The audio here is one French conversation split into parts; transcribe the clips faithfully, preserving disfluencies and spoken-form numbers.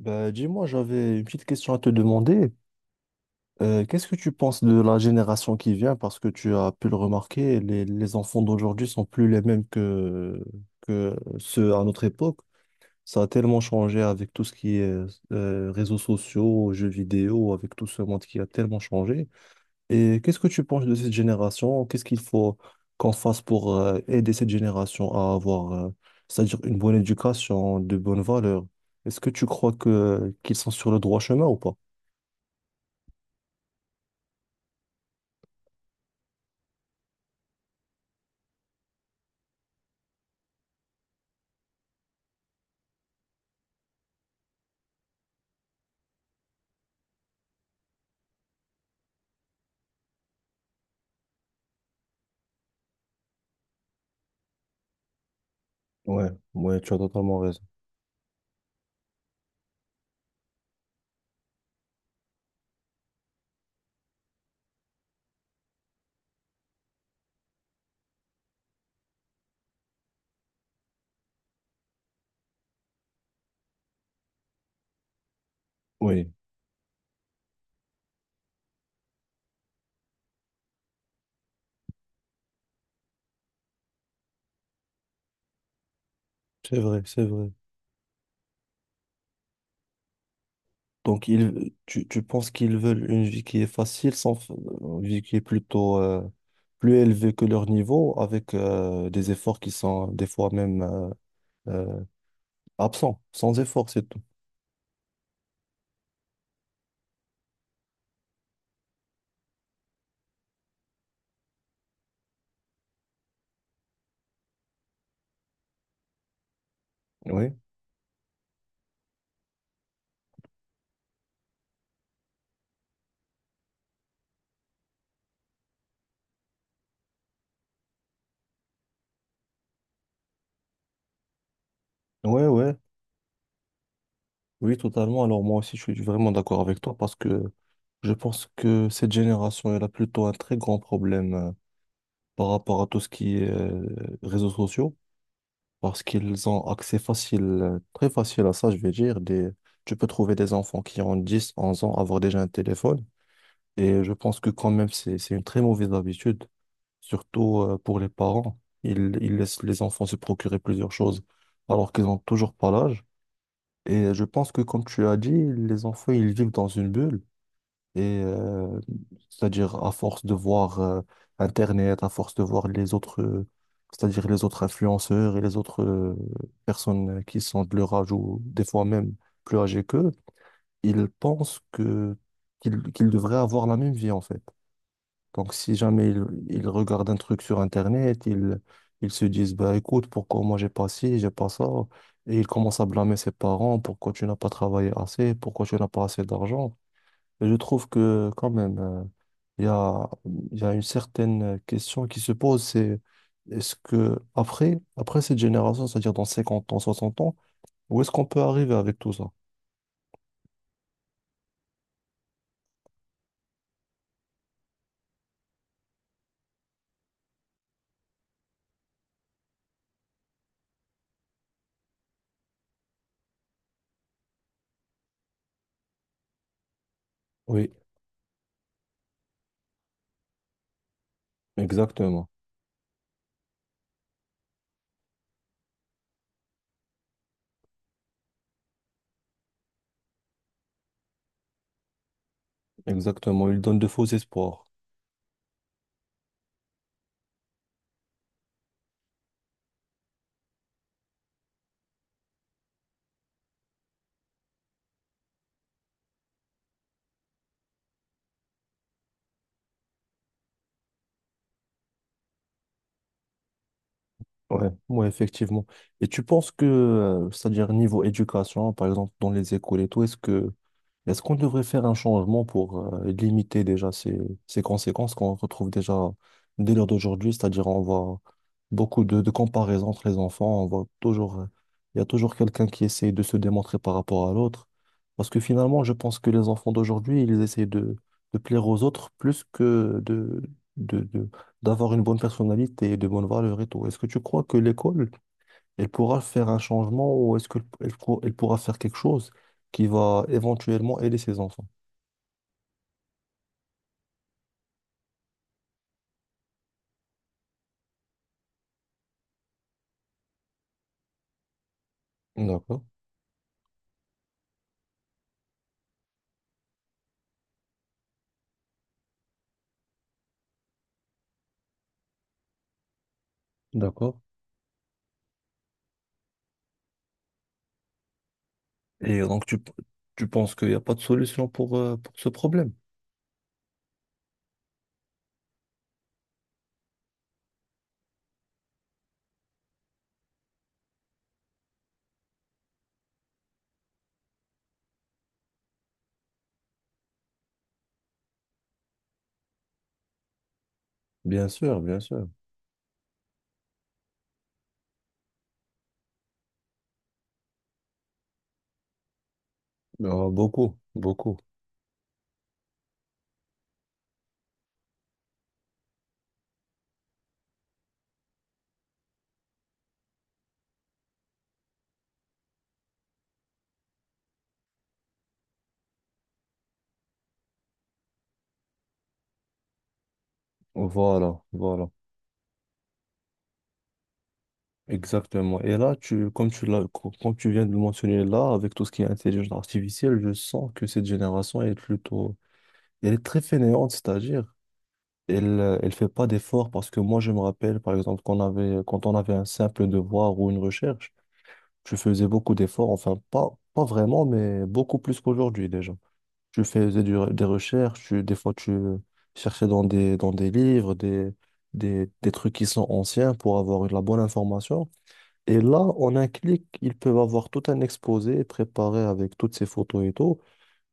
Bah, dis-moi, j'avais une petite question à te demander. Euh, qu'est-ce que tu penses de la génération qui vient? Parce que tu as pu le remarquer, les, les enfants d'aujourd'hui sont plus les mêmes que, que ceux à notre époque. Ça a tellement changé avec tout ce qui est euh, réseaux sociaux, jeux vidéo, avec tout ce monde qui a tellement changé. Et qu'est-ce que tu penses de cette génération? Qu'est-ce qu'il faut qu'on fasse pour euh, aider cette génération à avoir, euh, c'est-à-dire une bonne éducation, de bonnes valeurs? Est-ce que tu crois que qu'ils sont sur le droit chemin ou pas? Ouais, ouais, tu as totalement raison. Oui, c'est vrai, c'est vrai. Donc, ils, tu, tu penses qu'ils veulent une vie qui est facile, sans, f- une vie qui est plutôt euh, plus élevée que leur niveau, avec euh, des efforts qui sont des fois même euh, euh, absents, sans effort, c'est tout. Oui, ouais, ouais, oui, totalement. Alors, moi aussi, je suis vraiment d'accord avec toi parce que je pense que cette génération, elle a plutôt un très grand problème euh, par rapport à tout ce qui est euh, réseaux sociaux. Parce qu'ils ont accès facile, euh, très facile à ça, je vais dire. Des... Tu peux trouver des enfants qui ont dix, onze ans, avoir déjà un téléphone. Et je pense que quand même, c'est, c'est une très mauvaise habitude, surtout euh, pour les parents. Ils, ils laissent les enfants se procurer plusieurs choses alors qu'ils n'ont toujours pas l'âge. Et je pense que, comme tu as dit, les enfants, ils vivent dans une bulle. Et euh, c'est-à-dire à force de voir euh, Internet, à force de voir les autres, euh, c'est-à-dire les autres influenceurs et les autres euh, personnes qui sont de leur âge ou des fois même plus âgées qu'eux, ils pensent que qu'ils qu'ils devraient avoir la même vie en fait. Donc si jamais ils, ils regardent un truc sur Internet, ils, ils se disent bah écoute, pourquoi moi j'ai pas ci, j'ai pas ça. Et ils commencent à blâmer ses parents, pourquoi tu n'as pas travaillé assez, pourquoi tu n'as pas assez d'argent. Et je trouve que quand même, euh, il y a, il y a une certaine euh, question qui se pose, c'est est-ce que après, après cette génération, c'est-à-dire dans cinquante ans, soixante ans, où est-ce qu'on peut arriver avec tout ça? Oui, exactement. Exactement. Il donne de faux espoirs. Ouais, ouais, effectivement. Et tu penses que, euh, c'est-à-dire niveau éducation, par exemple dans les écoles et tout, est-ce que est-ce qu'on devrait faire un changement pour euh, limiter déjà ces, ces conséquences qu'on retrouve déjà dès l'heure d'aujourd'hui? C'est-à-dire, on voit beaucoup de, de comparaisons entre les enfants. On voit toujours, euh, il y a toujours quelqu'un qui essaye de se démontrer par rapport à l'autre. Parce que finalement, je pense que les enfants d'aujourd'hui, ils essayent de, de plaire aux autres plus que de, de, de- d'avoir une bonne personnalité et de bonnes valeurs et tout. Est-ce que tu crois que l'école elle pourra faire un changement ou est-ce qu'elle elle pour- elle pourra faire quelque chose qui va éventuellement aider ses enfants? D'accord, d'accord. Et donc, tu, tu penses qu'il n'y a pas de solution pour, euh, pour ce problème? Bien sûr, bien sûr. Euh, beaucoup, beaucoup. Voilà, voilà. Exactement. Et là, tu, comme tu l'as, co- comme tu viens de le mentionner là, avec tout ce qui est intelligence artificielle, je sens que cette génération est plutôt, elle est très fainéante, c'est-à-dire, elle, euh, elle fait pas d'efforts parce que moi, je me rappelle, par exemple, qu'on avait, quand on avait un simple devoir ou une recherche, tu faisais beaucoup d'efforts, enfin, pas, pas vraiment, mais beaucoup plus qu'aujourd'hui, déjà. Tu faisais du- des recherches, tu- des fois, tu cherchais dans des, dans des livres, des, des, des trucs qui sont anciens pour avoir la bonne information. Et là, en un clic, ils peuvent avoir tout un exposé préparé avec toutes ces photos et tout.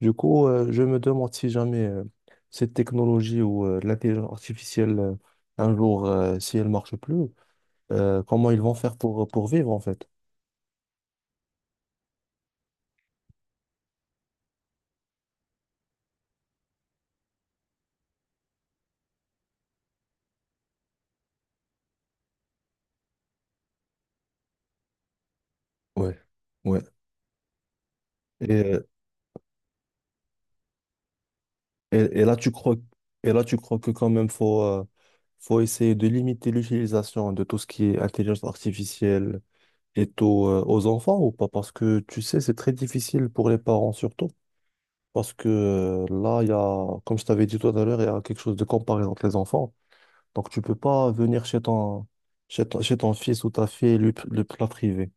Du coup, euh, je me demande si jamais euh, cette technologie ou euh, l'intelligence artificielle, euh, un jour, euh, si elle marche plus, euh, comment ils vont faire pour, euh, pour vivre en fait. Ouais, ouais. Et, euh, et, et là, tu crois, et là, tu crois que quand même, faut, euh, faut essayer de limiter l'utilisation de tout ce qui est intelligence artificielle, et tôt euh, aux enfants ou pas? Parce que tu sais, c'est très difficile pour les parents surtout. Parce que euh, là, il y a, comme je t'avais dit tout à l'heure, il y a quelque chose de comparé entre les enfants. Donc, tu peux pas venir chez ton, chez ton, chez ton fils ou ta fille et lui, le plat privé.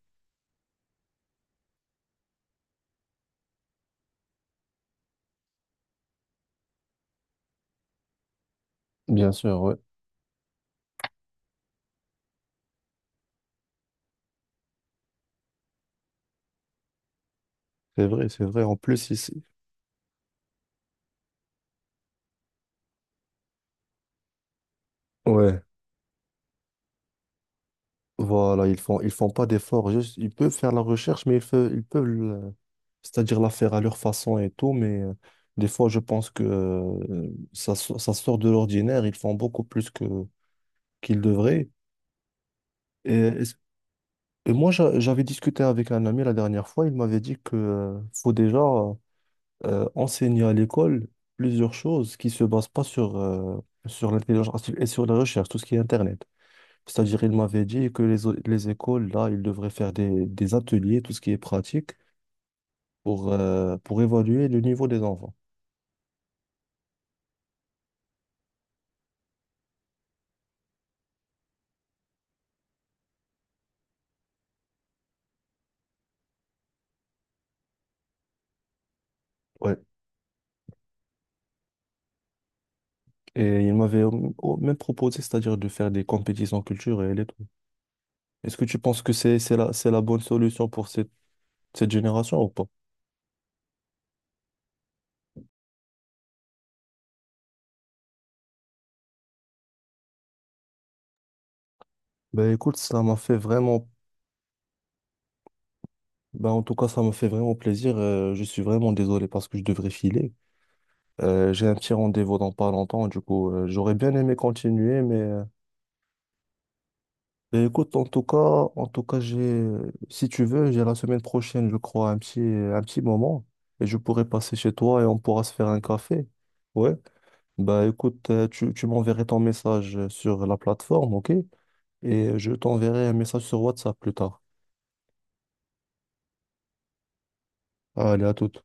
Bien sûr, ouais. C'est vrai, c'est vrai. En plus, ici, ouais. Voilà, ils font, ils font pas d'efforts. Juste, ils peuvent faire la recherche, mais ils, fe- ils peuvent, le- c'est-à-dire la faire à leur façon et tout. Mais euh, des fois, je pense que euh, ça, so- ça sort de l'ordinaire. Ils font beaucoup plus que qu'il devrait. Et, est-ce- et moi, j'a- j'avais discuté avec un ami la dernière fois, il m'avait dit que euh, faut déjà euh, enseigner à l'école plusieurs choses qui se basent pas sur, euh, sur l'intelligence artificielle et sur la recherche, tout ce qui est Internet. C'est-à-dire, il m'avait dit que les, o- les écoles, là, ils devraient faire des, des ateliers, tout ce qui est pratique, pour, euh, pour évaluer le niveau des enfants. Ouais. Et il m'avait au- au- même proposé, c'est-à-dire de faire des compétitions culturelles et tout. Est-ce que tu penses que c'est c'est la, c'est la bonne solution pour cette, cette génération ou pas? Ben écoute, ça m'a fait vraiment, ben en tout cas, ça m'a fait vraiment plaisir. Euh, je suis vraiment désolé parce que je devrais filer. Euh, j'ai un petit rendez-vous dans pas longtemps, du coup, euh, j'aurais bien aimé continuer, mais euh, ben écoute, en tout cas, en tout cas, j'ai, si tu veux, j'ai la semaine prochaine, je crois, un petit, un petit moment et je pourrais passer chez toi et on pourra se faire un café. Ouais. Ben écoute, euh, tu, tu m'enverrais ton message sur la plateforme, ok? Et je t'enverrai un message sur WhatsApp plus tard. Allez, à toute.